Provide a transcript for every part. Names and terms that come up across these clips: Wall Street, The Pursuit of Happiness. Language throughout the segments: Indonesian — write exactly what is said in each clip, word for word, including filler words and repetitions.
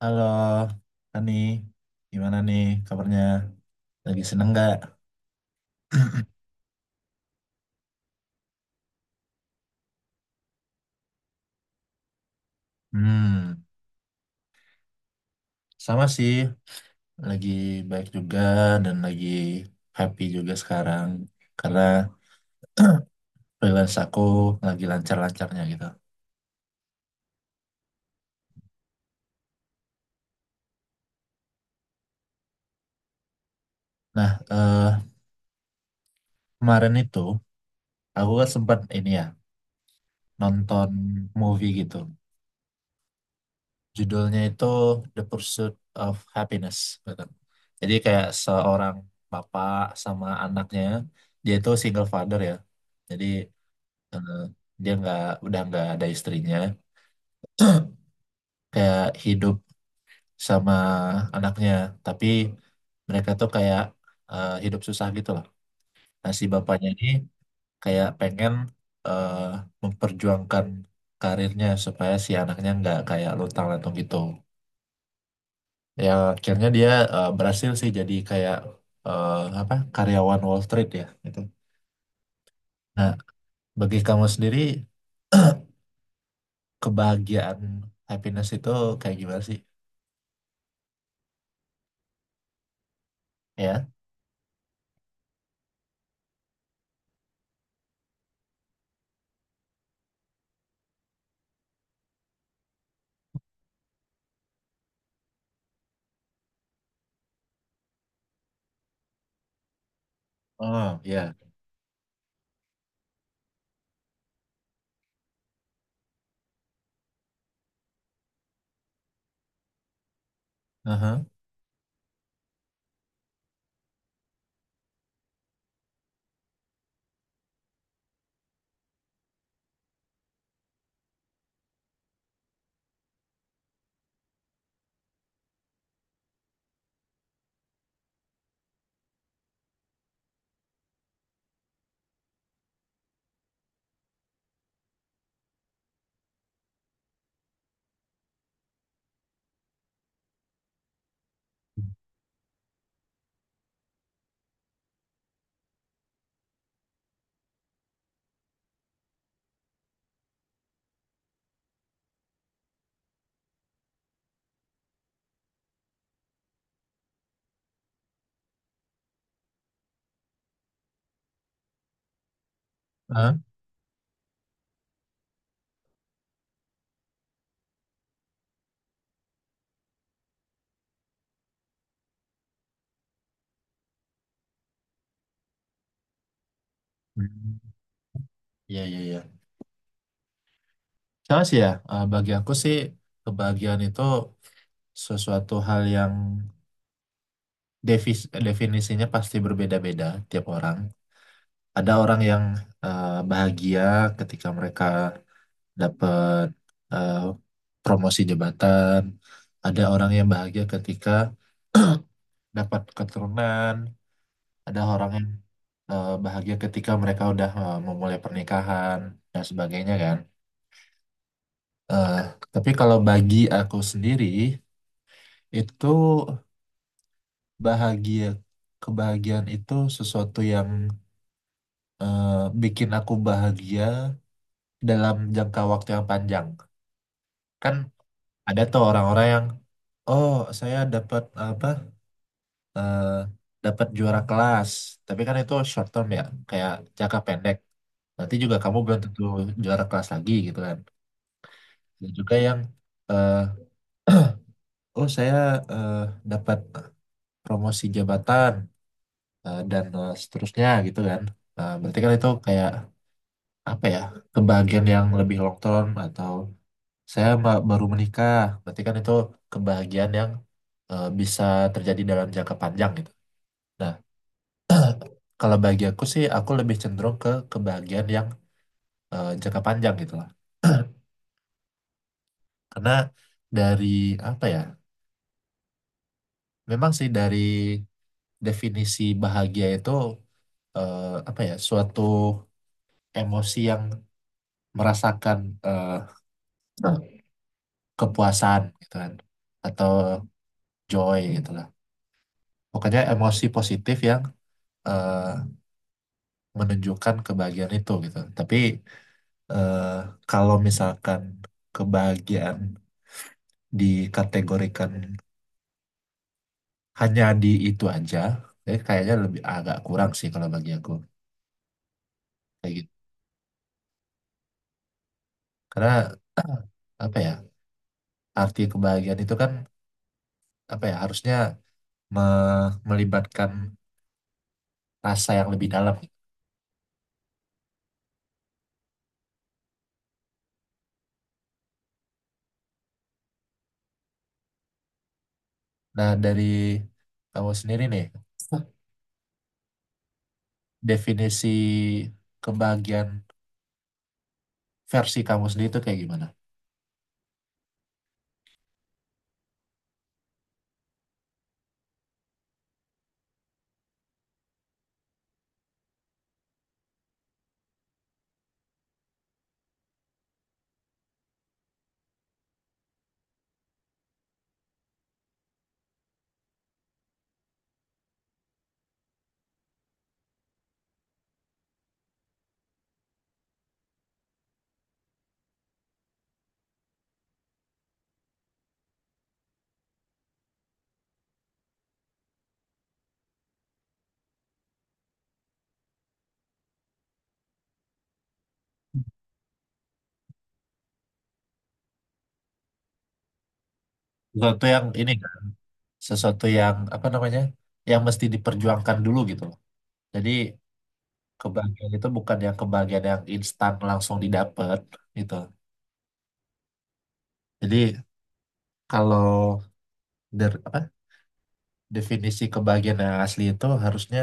Halo, Ani, gimana nih kabarnya? Lagi seneng nggak? Hmm. Sama sih, lagi baik juga dan lagi happy juga sekarang karena freelance aku lagi lancar-lancarnya gitu. Nah, eh, kemarin itu aku kan sempat ini ya, nonton movie gitu. Judulnya itu The Pursuit of Happiness. betul. Jadi kayak seorang bapak sama anaknya, dia itu single father ya. Jadi eh, dia nggak udah nggak ada istrinya, kayak hidup sama anaknya. Tapi mereka tuh kayak eh, hidup susah gitu loh. Nah, si bapaknya ini kayak pengen eh, memperjuangkan karirnya supaya si anaknya nggak kayak luntang-lantung gitu. Ya akhirnya dia eh, berhasil sih jadi kayak eh, apa, karyawan Wall Street ya gitu. Nah, bagi kamu sendiri kebahagiaan, happiness itu kayak gimana sih? Ya. Oh, ya. Aha. Hah? Hmm. Iya, iya, iya. Sama sih ya. Eh, bagi aku sih, kebahagiaan itu sesuatu hal yang devis- definisinya pasti berbeda-beda tiap orang. Ada orang yang eh, bahagia ketika mereka dapat eh, promosi jabatan, ada orang yang bahagia ketika dapat keturunan, ada orang yang eh, bahagia ketika mereka udah eh, memulai pernikahan dan sebagainya kan. Eh, tapi kalau bagi aku sendiri, itu bahagia, kebahagiaan itu sesuatu yang eh, bikin aku bahagia dalam jangka waktu yang panjang. Kan ada tuh orang-orang yang, oh saya dapat apa, eh, dapat juara kelas, tapi kan itu short term ya, kayak jangka pendek. Nanti juga kamu belum tentu juara kelas lagi gitu kan. Dan juga yang eh, oh saya eh, dapat promosi jabatan eh, dan eh, seterusnya gitu kan. Nah, berarti kan itu kayak apa ya, kebahagiaan yang lebih long term, atau saya ba- baru menikah, berarti kan itu kebahagiaan yang eh, bisa terjadi dalam jangka panjang gitu. Nah, kalau bagi aku sih, aku lebih cenderung ke kebahagiaan yang eh, jangka panjang gitu lah. Karena dari apa ya? Memang sih dari definisi bahagia itu eh, apa ya? Suatu emosi yang merasakan eh, kepuasan gitu kan, atau joy gitu lah. Pokoknya emosi positif yang eh, menunjukkan kebahagiaan itu gitu. Tapi eh, kalau misalkan kebahagiaan dikategorikan hanya di itu aja, jadi kayaknya lebih agak kurang sih kalau bagi aku kayak gitu, karena apa ya, arti kebahagiaan itu kan, apa ya, harusnya me- melibatkan rasa yang lebih dalam. Nah, dari kamu sendiri nih, definisi kebahagiaan versi kamu sendiri itu kayak gimana? Sesuatu yang ini nggak? Sesuatu yang apa namanya, yang mesti diperjuangkan dulu gitu loh. Jadi kebahagiaan itu bukan yang kebahagiaan yang instan langsung didapat gitu. Jadi kalau der, apa, definisi kebahagiaan yang asli itu harusnya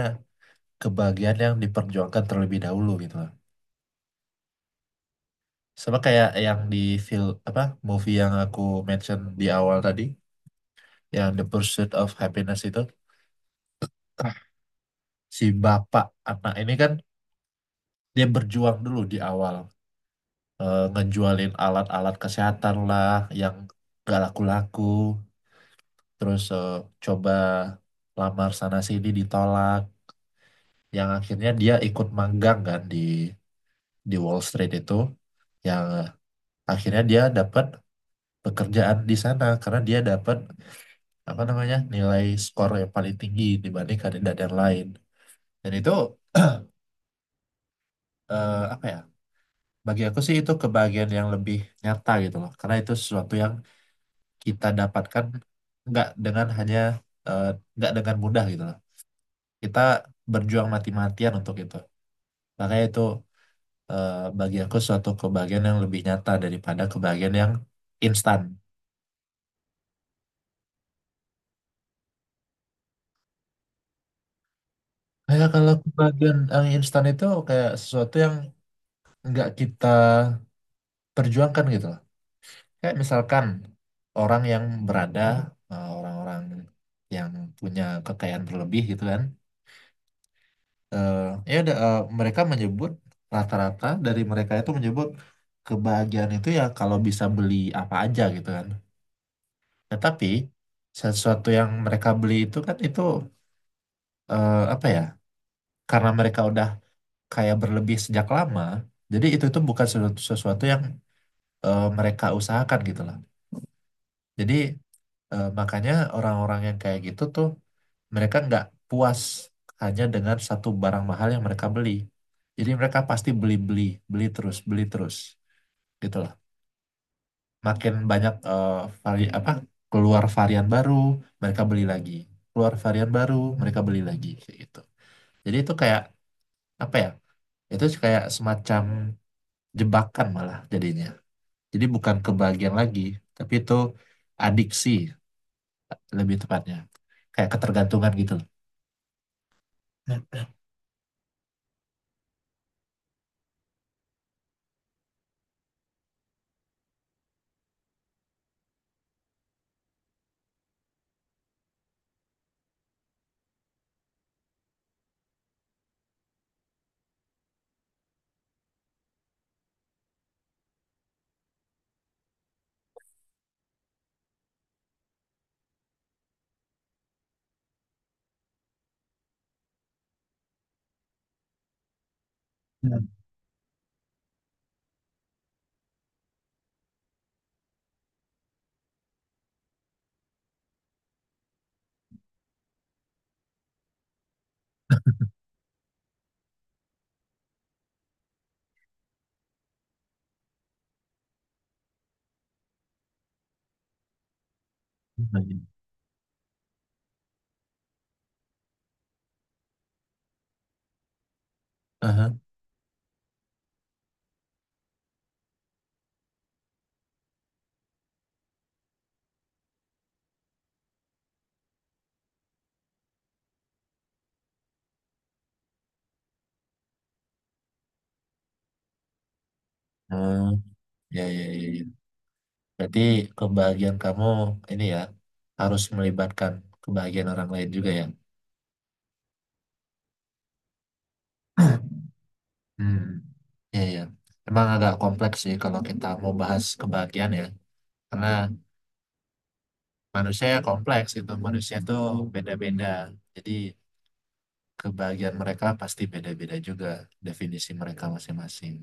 kebahagiaan yang diperjuangkan terlebih dahulu gitu loh. Sama kayak yang di film apa, movie yang aku mention di awal tadi, yang The Pursuit of Happiness itu, si bapak anak ini kan dia berjuang dulu di awal, eh, ngejualin alat-alat kesehatan lah yang gak laku-laku, terus eh, coba lamar sana sini ditolak, yang akhirnya dia ikut magang kan di di Wall Street itu, yang akhirnya dia dapat pekerjaan di sana karena dia dapat apa namanya, nilai skor yang paling tinggi dibanding kandidat yang lain. Dan itu eh, apa ya, bagi aku sih itu kebahagiaan yang lebih nyata gitu loh, karena itu sesuatu yang kita dapatkan nggak dengan hanya eh, nggak dengan mudah gitu loh. Kita berjuang mati-matian untuk itu, makanya itu eh, bagi aku suatu kebahagiaan yang lebih nyata daripada kebahagiaan yang instan. Kayak kalau kebahagiaan yang instan itu kayak sesuatu yang nggak kita perjuangkan gitu loh. Kayak misalkan orang yang berada, eh, orang-orang yang punya kekayaan berlebih gitu kan. eh, Ya udah, eh, mereka menyebut, rata-rata dari mereka itu menyebut kebahagiaan itu ya kalau bisa beli apa aja gitu kan. Tetapi sesuatu yang mereka beli itu kan itu eh, apa ya? Karena mereka udah kayak berlebih sejak lama. Jadi itu itu bukan sesuatu, sesuatu yang eh, mereka usahakan gitu lah. Jadi eh, makanya orang-orang yang kayak gitu tuh mereka nggak puas hanya dengan satu barang mahal yang mereka beli. Jadi mereka pasti beli-beli, beli terus, beli terus gitu lah. Makin banyak eh, vari apa keluar varian baru, mereka beli lagi. Keluar varian baru, mereka beli lagi kayak gitu. Jadi itu kayak apa ya? Itu kayak semacam jebakan malah jadinya. Jadi bukan kebahagiaan lagi, tapi itu adiksi, lebih tepatnya. Kayak ketergantungan gitu loh. Aha. Hmm, ya, ya, ya, ya. Berarti kebahagiaan kamu ini ya harus melibatkan kebahagiaan orang lain juga ya. Hmm, ya, ya. Emang agak kompleks sih kalau kita mau bahas kebahagiaan ya. Karena manusia kompleks, itu manusia tuh beda-beda. Jadi kebahagiaan mereka pasti beda-beda juga, definisi mereka masing-masing,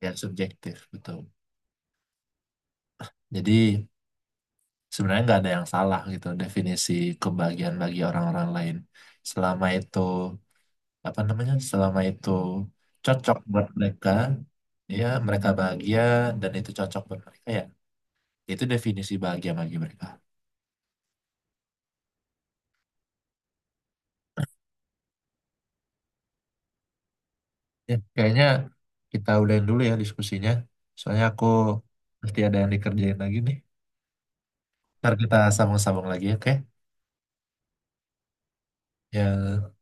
ya subjektif betul. Jadi sebenarnya nggak ada yang salah gitu, definisi kebahagiaan bagi orang-orang lain, selama itu apa namanya, selama itu cocok buat mereka, ya mereka bahagia dan itu cocok buat mereka, ya itu definisi bahagia bagi mereka. Ya kayaknya kita udahin dulu ya diskusinya, soalnya aku mesti ada yang dikerjain lagi nih, ntar kita sambung-sambung lagi, oke ya.